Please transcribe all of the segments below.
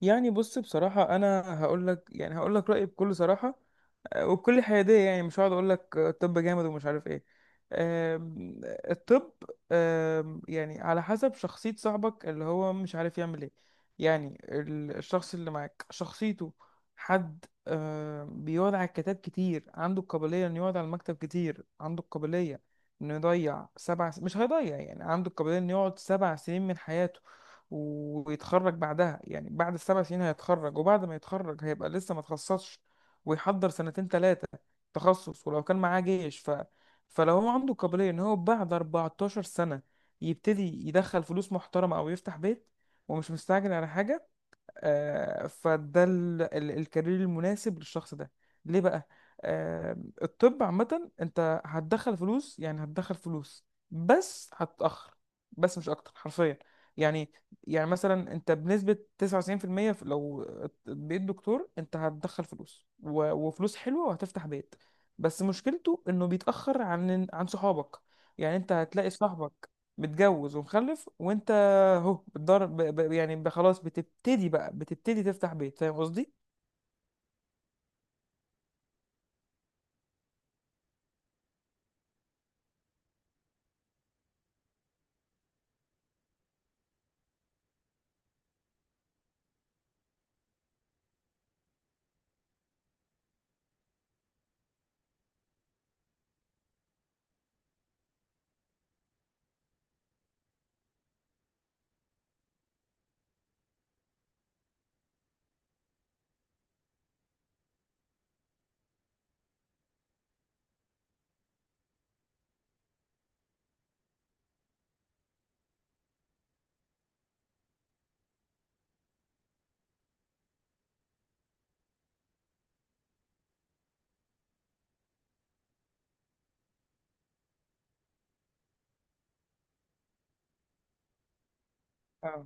يعني بص بصراحة أنا هقول لك رأيي بكل صراحة وبكل حيادية. يعني مش هقعد اقول لك الطب جامد ومش عارف ايه. الطب يعني على حسب شخصية صاحبك اللي هو مش عارف يعمل ايه. يعني الشخص اللي معاك شخصيته حد بيقعد على الكتاب كتير، عنده القابلية انه يقعد على المكتب كتير، عنده القابلية انه مش هيضيع. يعني عنده القابلية انه يقعد سبع سنين من حياته ويتخرج بعدها. يعني بعد السبع سنين هيتخرج، وبعد ما يتخرج هيبقى لسه ما تخصصش ويحضر سنتين ثلاثة تخصص. ولو كان معاه جيش فلو هو عنده قابلية ان هو بعد 14 سنة يبتدي يدخل فلوس محترمة او يفتح بيت ومش مستعجل على حاجة، فده الكارير المناسب للشخص ده ليه بقى. آه، الطب عامة انت هتدخل فلوس، يعني هتدخل فلوس بس هتتأخر، بس مش اكتر حرفيا. يعني يعني مثلا انت بنسبة 99% المية لو بقيت دكتور انت هتدخل فلوس وفلوس حلوة وهتفتح بيت. بس مشكلته انه بيتأخر عن صحابك. يعني انت هتلاقي صاحبك متجوز ومخلف، وانت اهو بتضرب ب- ب- يعني ب- خلاص بتبتدي تفتح بيت. فاهم قصدي؟ اه،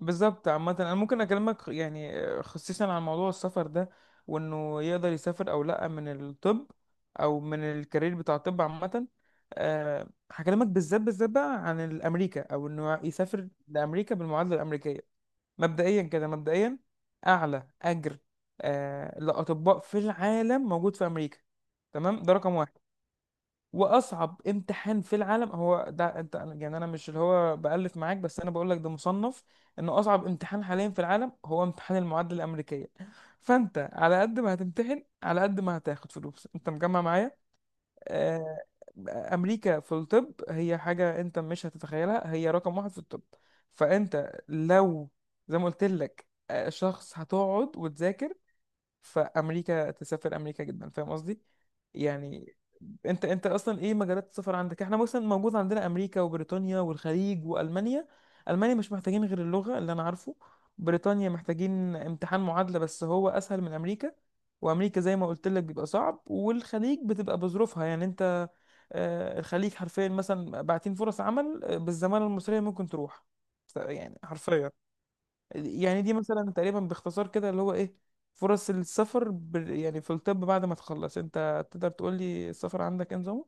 بالظبط. عامة انا ممكن اكلمك يعني خصيصا عن موضوع السفر ده وانه يقدر يسافر او لا من الطب او من الكارير بتاع الطب عامة. هكلمك بالذات بالذات بقى عن الامريكا او انه يسافر لامريكا بالمعادلة الامريكية. مبدئيا كده، مبدئيا اعلى اجر لاطباء في العالم موجود في امريكا، تمام. ده رقم واحد. واصعب امتحان في العالم هو ده. انت يعني انا مش اللي هو بالف معاك، بس انا بقول لك ده مصنف انه اصعب امتحان حاليا في العالم هو امتحان المعادله الامريكيه. فانت على قد ما هتمتحن على قد ما هتاخد فلوس. انت مجمع معايا؟ آه، امريكا في الطب هي حاجه انت مش هتتخيلها، هي رقم واحد في الطب. فانت لو زي ما قلت لك شخص هتقعد وتذاكر، فامريكا تسافر امريكا جدا. فاهم قصدي؟ يعني انت اصلا ايه مجالات السفر عندك؟ احنا مثلا موجود عندنا امريكا وبريطانيا والخليج والمانيا. المانيا مش محتاجين غير اللغه اللي انا عارفه. بريطانيا محتاجين امتحان معادله بس هو اسهل من امريكا. وامريكا زي ما قلت لك بيبقى صعب، والخليج بتبقى بظروفها يعني انت. الخليج حرفيا مثلا باعتين فرص عمل بالزماله المصريه ممكن تروح. يعني حرفيا. يعني دي مثلا تقريبا باختصار كده اللي هو ايه فرص السفر يعني في الطب بعد ما تخلص. انت تقدر تقول لي السفر عندك ايه نظامه؟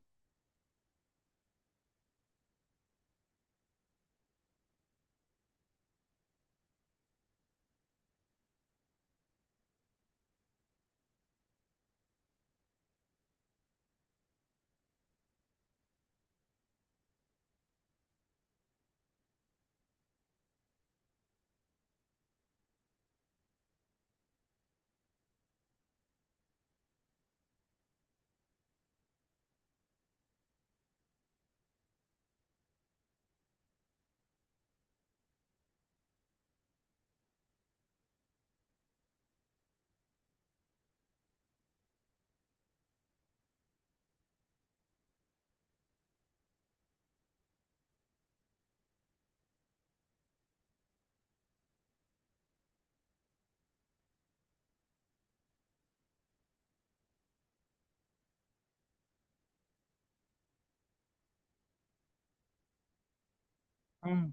مم.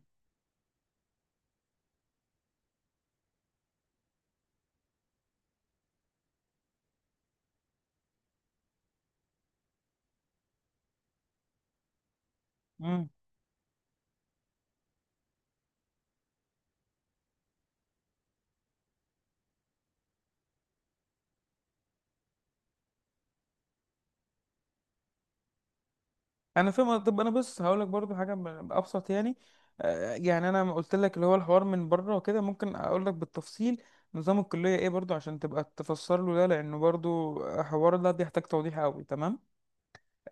مم. انا فاهم. طب انا بص هقول لك برضو حاجه ابسط يعني. يعني انا قلت لك اللي هو الحوار من بره وكده، ممكن اقول لك بالتفصيل نظام الكليه ايه برضو عشان تبقى تفسر له ده، لانه برضو حوار ده بيحتاج توضيح قوي. تمام.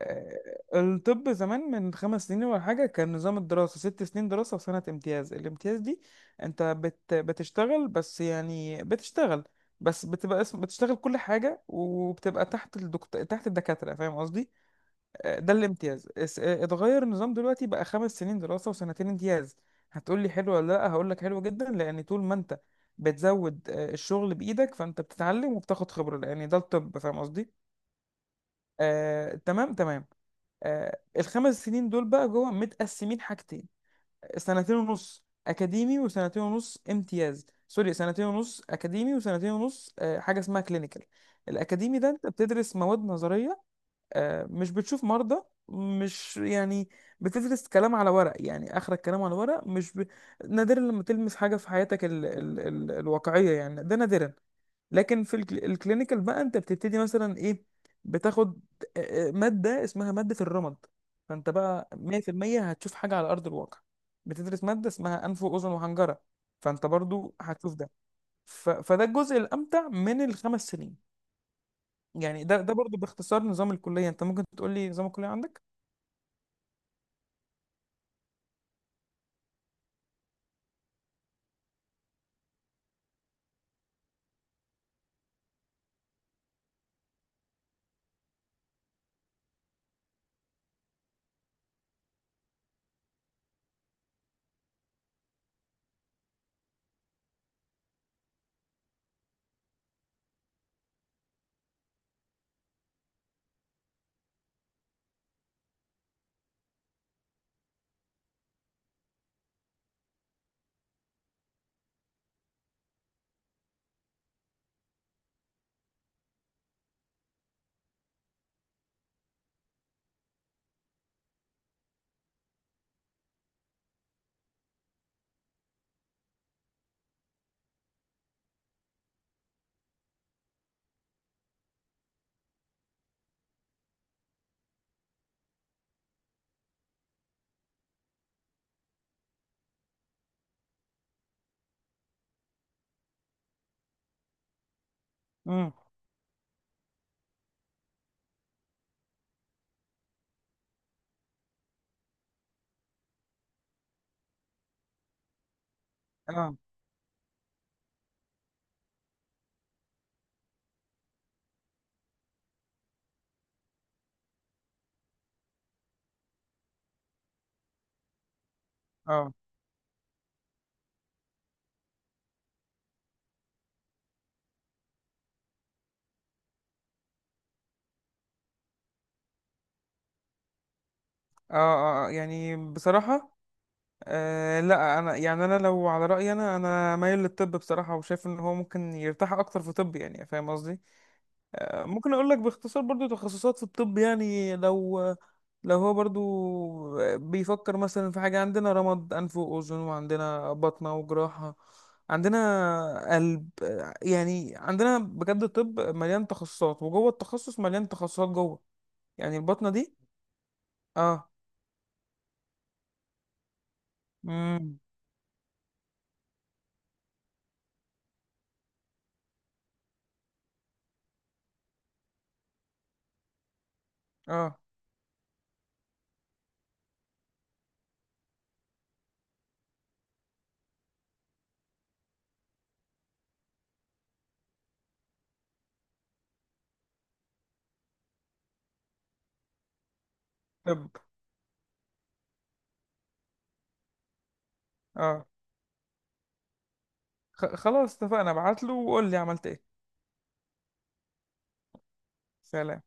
آه، الطب زمان من خمس سنين ولا حاجة كان نظام الدراسة ست سنين دراسة وسنة امتياز. الامتياز دي انت بتشتغل، بس يعني بتشتغل بس بتبقى اسم، بتشتغل كل حاجة وبتبقى تحت الدكتور، تحت الدكاترة. فاهم قصدي؟ ده الامتياز. اتغير النظام دلوقتي بقى خمس سنين دراسة وسنتين امتياز. هتقولي حلو ولا لا؟ هقولك حلو جدا، لأن طول ما انت بتزود الشغل بإيدك فانت بتتعلم وبتاخد خبرة، لأن ده الطب. فاهم قصدي؟ تمام تمام. الخمس سنين دول بقى جوه متقسمين حاجتين: سنتين ونص اكاديمي وسنتين ونص امتياز. سوري، سنتين ونص اكاديمي وسنتين ونص حاجه اسمها كلينيكال. الاكاديمي ده انت بتدرس مواد نظريه، مش بتشوف مرضى. مش يعني، بتدرس كلام على ورق، يعني اخرك كلام على ورق. مش ب... نادرا لما تلمس حاجه في حياتك الواقعيه، يعني ده نادرا. لكن في الكلينيكال بقى انت بتبتدي مثلا ايه؟ بتاخد ماده اسمها ماده الرمد، فانت بقى 100% هتشوف حاجه على ارض الواقع. بتدرس ماده اسمها انف واذن وحنجره، فانت برضو هتشوف ده. فده الجزء الامتع من الخمس سنين. يعني ده برضو باختصار نظام الكلية. انت ممكن تقول لي نظام الكلية عندك؟ امم. اه. اه. اه. اه. يعني بصراحة، لا، انا يعني، انا لو على رأيي انا مايل للطب بصراحة، وشايف ان هو ممكن يرتاح اكتر في طب يعني. فاهم قصدي؟ ممكن اقول لك باختصار برضو تخصصات في الطب يعني. لو هو برضو بيفكر مثلا في حاجة، عندنا رمد، أنف وأذن، وعندنا بطنة وجراحة، عندنا قلب. يعني عندنا بجد الطب مليان تخصصات، وجوه التخصص مليان تخصصات جوه. يعني البطنة دي. اه. امم. اه. طب. اه. خلاص اتفقنا، ابعت له وقول لي عملت ايه. سلام.